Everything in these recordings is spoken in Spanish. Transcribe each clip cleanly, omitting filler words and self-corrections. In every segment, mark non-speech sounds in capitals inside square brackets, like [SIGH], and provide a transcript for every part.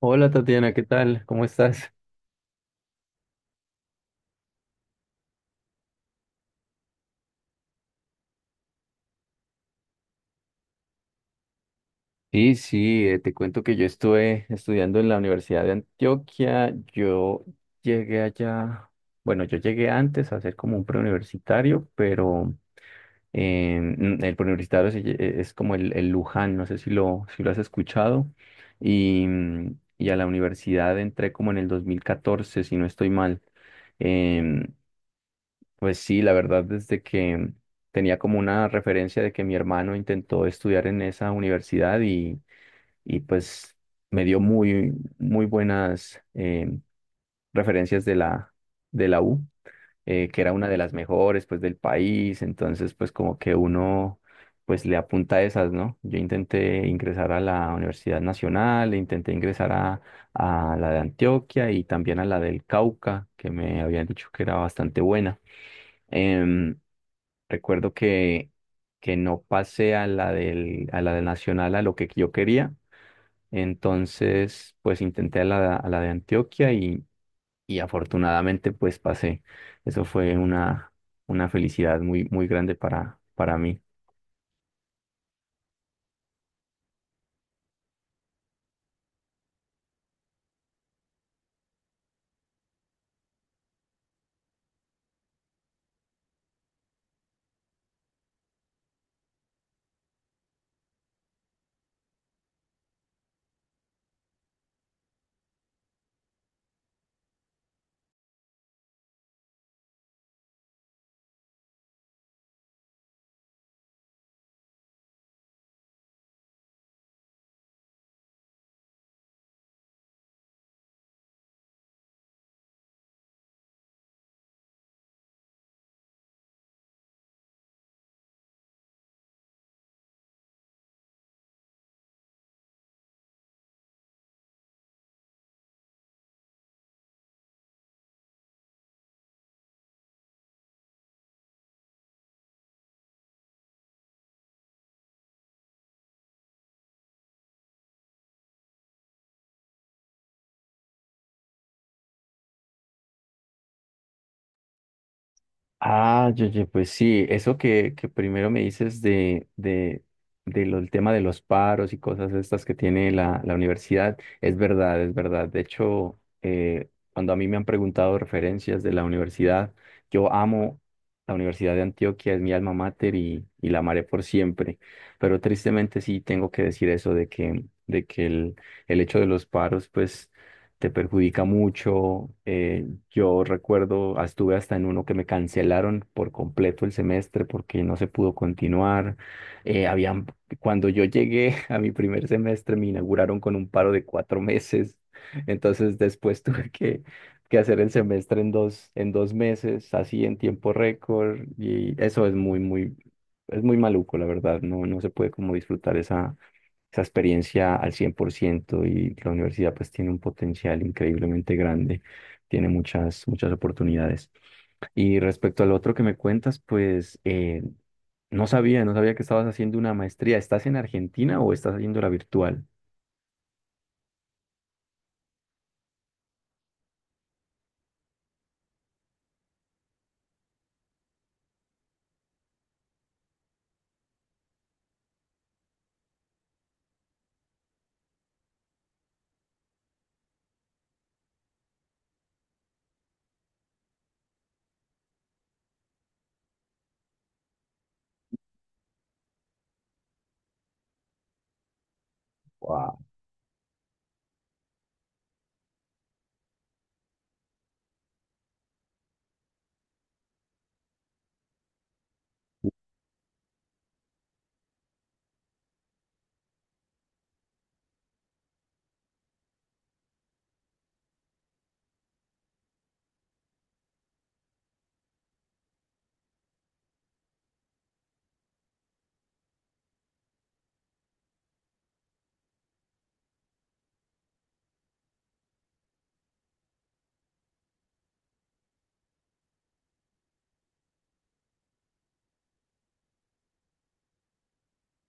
Hola Tatiana, ¿qué tal? ¿Cómo estás? Sí, sí, te cuento que yo estuve estudiando en la Universidad de Antioquia. Yo llegué allá, bueno, yo llegué antes a ser como un preuniversitario, pero el preuniversitario es como el Luján, no sé si lo has escuchado. Y a la universidad entré como en el 2014, si no estoy mal. Em, Pues sí, la verdad, desde que tenía como una referencia de que mi hermano intentó estudiar en esa universidad y pues me dio muy, muy buenas referencias de la U, que era una de las mejores pues del país, entonces pues como que uno pues le apunta a esas, ¿no? Yo intenté ingresar a la Universidad Nacional, intenté ingresar a la de Antioquia y también a la del Cauca, que me habían dicho que era bastante buena. Em, Recuerdo que no pasé a la del Nacional a lo que yo quería. Entonces, pues intenté a la de Antioquia, y afortunadamente pues pasé. Eso fue una felicidad muy, muy grande para mí. Ah, yo, pues sí, eso que primero me dices de el tema de los paros y cosas estas que tiene la universidad, es verdad, es verdad. De hecho, cuando a mí me han preguntado referencias de la universidad, yo amo la Universidad de Antioquia, es mi alma mater y la amaré por siempre. Pero tristemente sí tengo que decir eso de que el hecho de los paros, pues te perjudica mucho. Yo recuerdo, ah, estuve hasta en uno que me cancelaron por completo el semestre porque no se pudo continuar. Eh, habían, Cuando yo llegué [LAUGHS] a mi primer semestre, me inauguraron con un paro de 4 meses. Entonces después [LAUGHS] tuve que hacer el semestre en dos meses, así en tiempo récord. Y eso es muy, muy, es muy maluco, la verdad. No, no se puede como disfrutar esa esa experiencia al 100% y la universidad pues tiene un potencial increíblemente grande, tiene muchas, muchas oportunidades. Y respecto al otro que me cuentas, pues no sabía, no sabía que estabas haciendo una maestría. ¿Estás en Argentina o estás haciendo la virtual?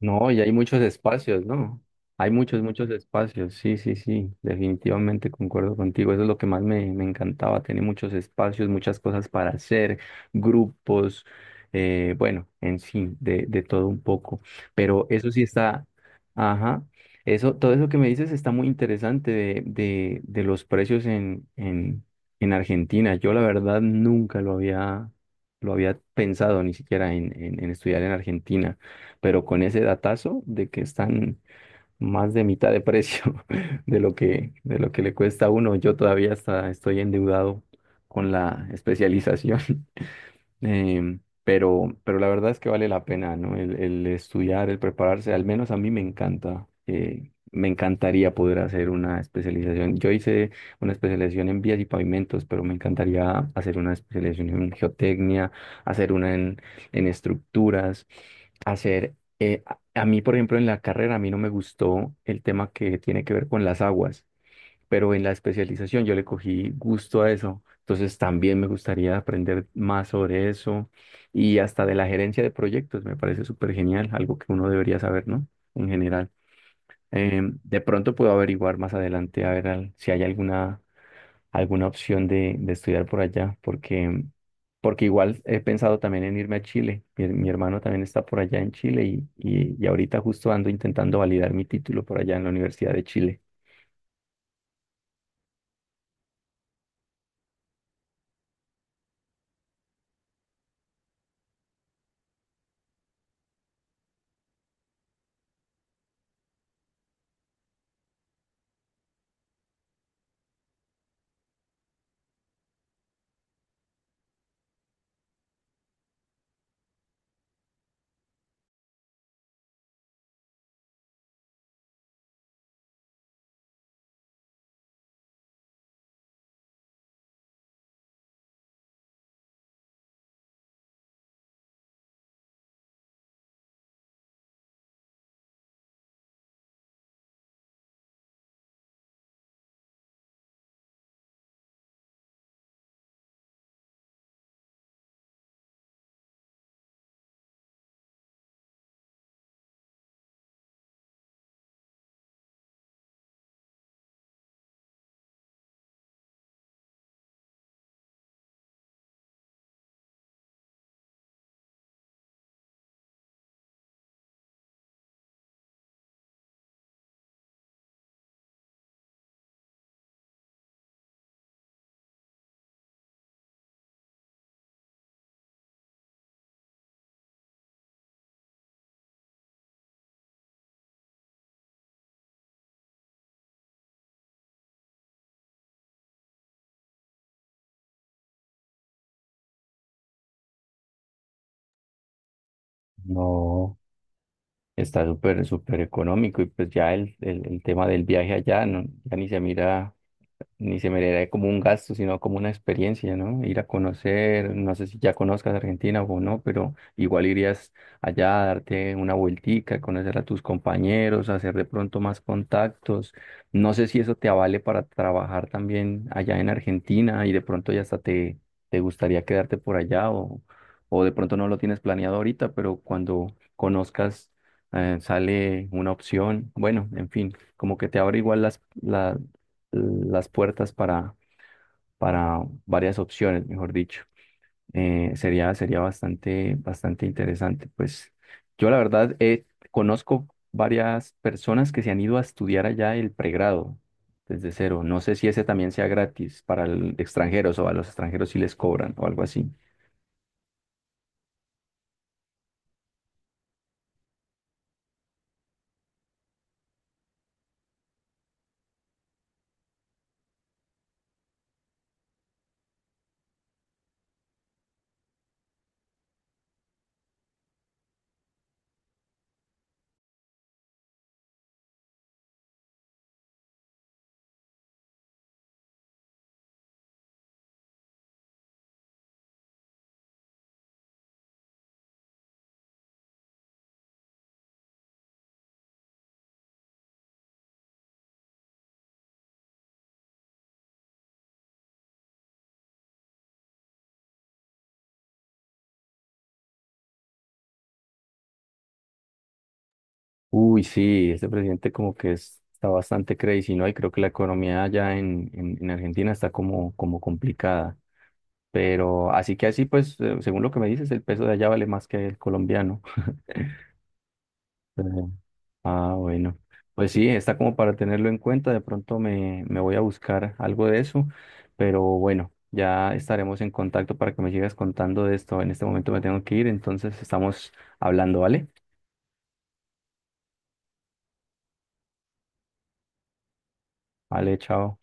No, y hay muchos espacios, ¿no? Hay muchos, muchos espacios. Sí, sí, sí. Definitivamente concuerdo contigo. Eso es lo que más me encantaba. Tiene muchos espacios, muchas cosas para hacer, grupos, bueno, en sí, de todo un poco. Pero eso sí está, ajá. Eso, todo eso que me dices está muy interesante de los precios en Argentina. Yo la verdad nunca lo había, lo había pensado ni siquiera en estudiar en Argentina pero con ese datazo de que están más de mitad de precio [LAUGHS] de lo que le cuesta a uno, yo todavía hasta estoy endeudado con la especialización. Pero la verdad es que vale la pena, ¿no? El estudiar, el prepararse, al menos a mí me encanta. Me encantaría poder hacer una especialización. Yo hice una especialización en vías y pavimentos, pero me encantaría hacer una especialización en geotecnia, hacer una en estructuras, hacer... a mí, por ejemplo, en la carrera, a mí no me gustó el tema que tiene que ver con las aguas pero en la especialización yo le cogí gusto a eso. Entonces también me gustaría aprender más sobre eso y hasta de la gerencia de proyectos, me parece súper genial, algo que uno debería saber, ¿no? En general. De pronto puedo averiguar más adelante a ver si hay alguna, alguna opción de estudiar por allá, porque igual he pensado también en irme a Chile. Mi hermano también está por allá en Chile y ahorita justo ando intentando validar mi título por allá en la Universidad de Chile. No. Está súper, súper económico y pues ya el tema del viaje allá no, ya ni se mira ni se miraría como un gasto, sino como una experiencia, ¿no? Ir a conocer, no sé si ya conozcas Argentina o no, pero igual irías allá a darte una vueltica, conocer a tus compañeros, hacer de pronto más contactos. No sé si eso te avale para trabajar también allá en Argentina y de pronto ya hasta te gustaría quedarte por allá o de pronto no lo tienes planeado ahorita, pero cuando conozcas sale una opción. Bueno, en fin, como que te abre igual las puertas para varias opciones, mejor dicho. Sería, sería bastante, bastante interesante. Pues yo la verdad conozco varias personas que se han ido a estudiar allá el pregrado desde cero. No sé si ese también sea gratis para extranjeros o a los extranjeros si les cobran o algo así. Uy, sí, este presidente como que está bastante crazy, ¿no? Y creo que la economía allá en Argentina está como, como complicada. Pero así que así, pues, según lo que me dices, el peso de allá vale más que el colombiano. Pero- Ah, bueno. Pues sí, está como para tenerlo en cuenta. De pronto me voy a buscar algo de eso. Pero bueno, ya estaremos en contacto para que me sigas contando de esto. En este momento me tengo que ir, entonces estamos hablando, ¿vale? Vale, chao.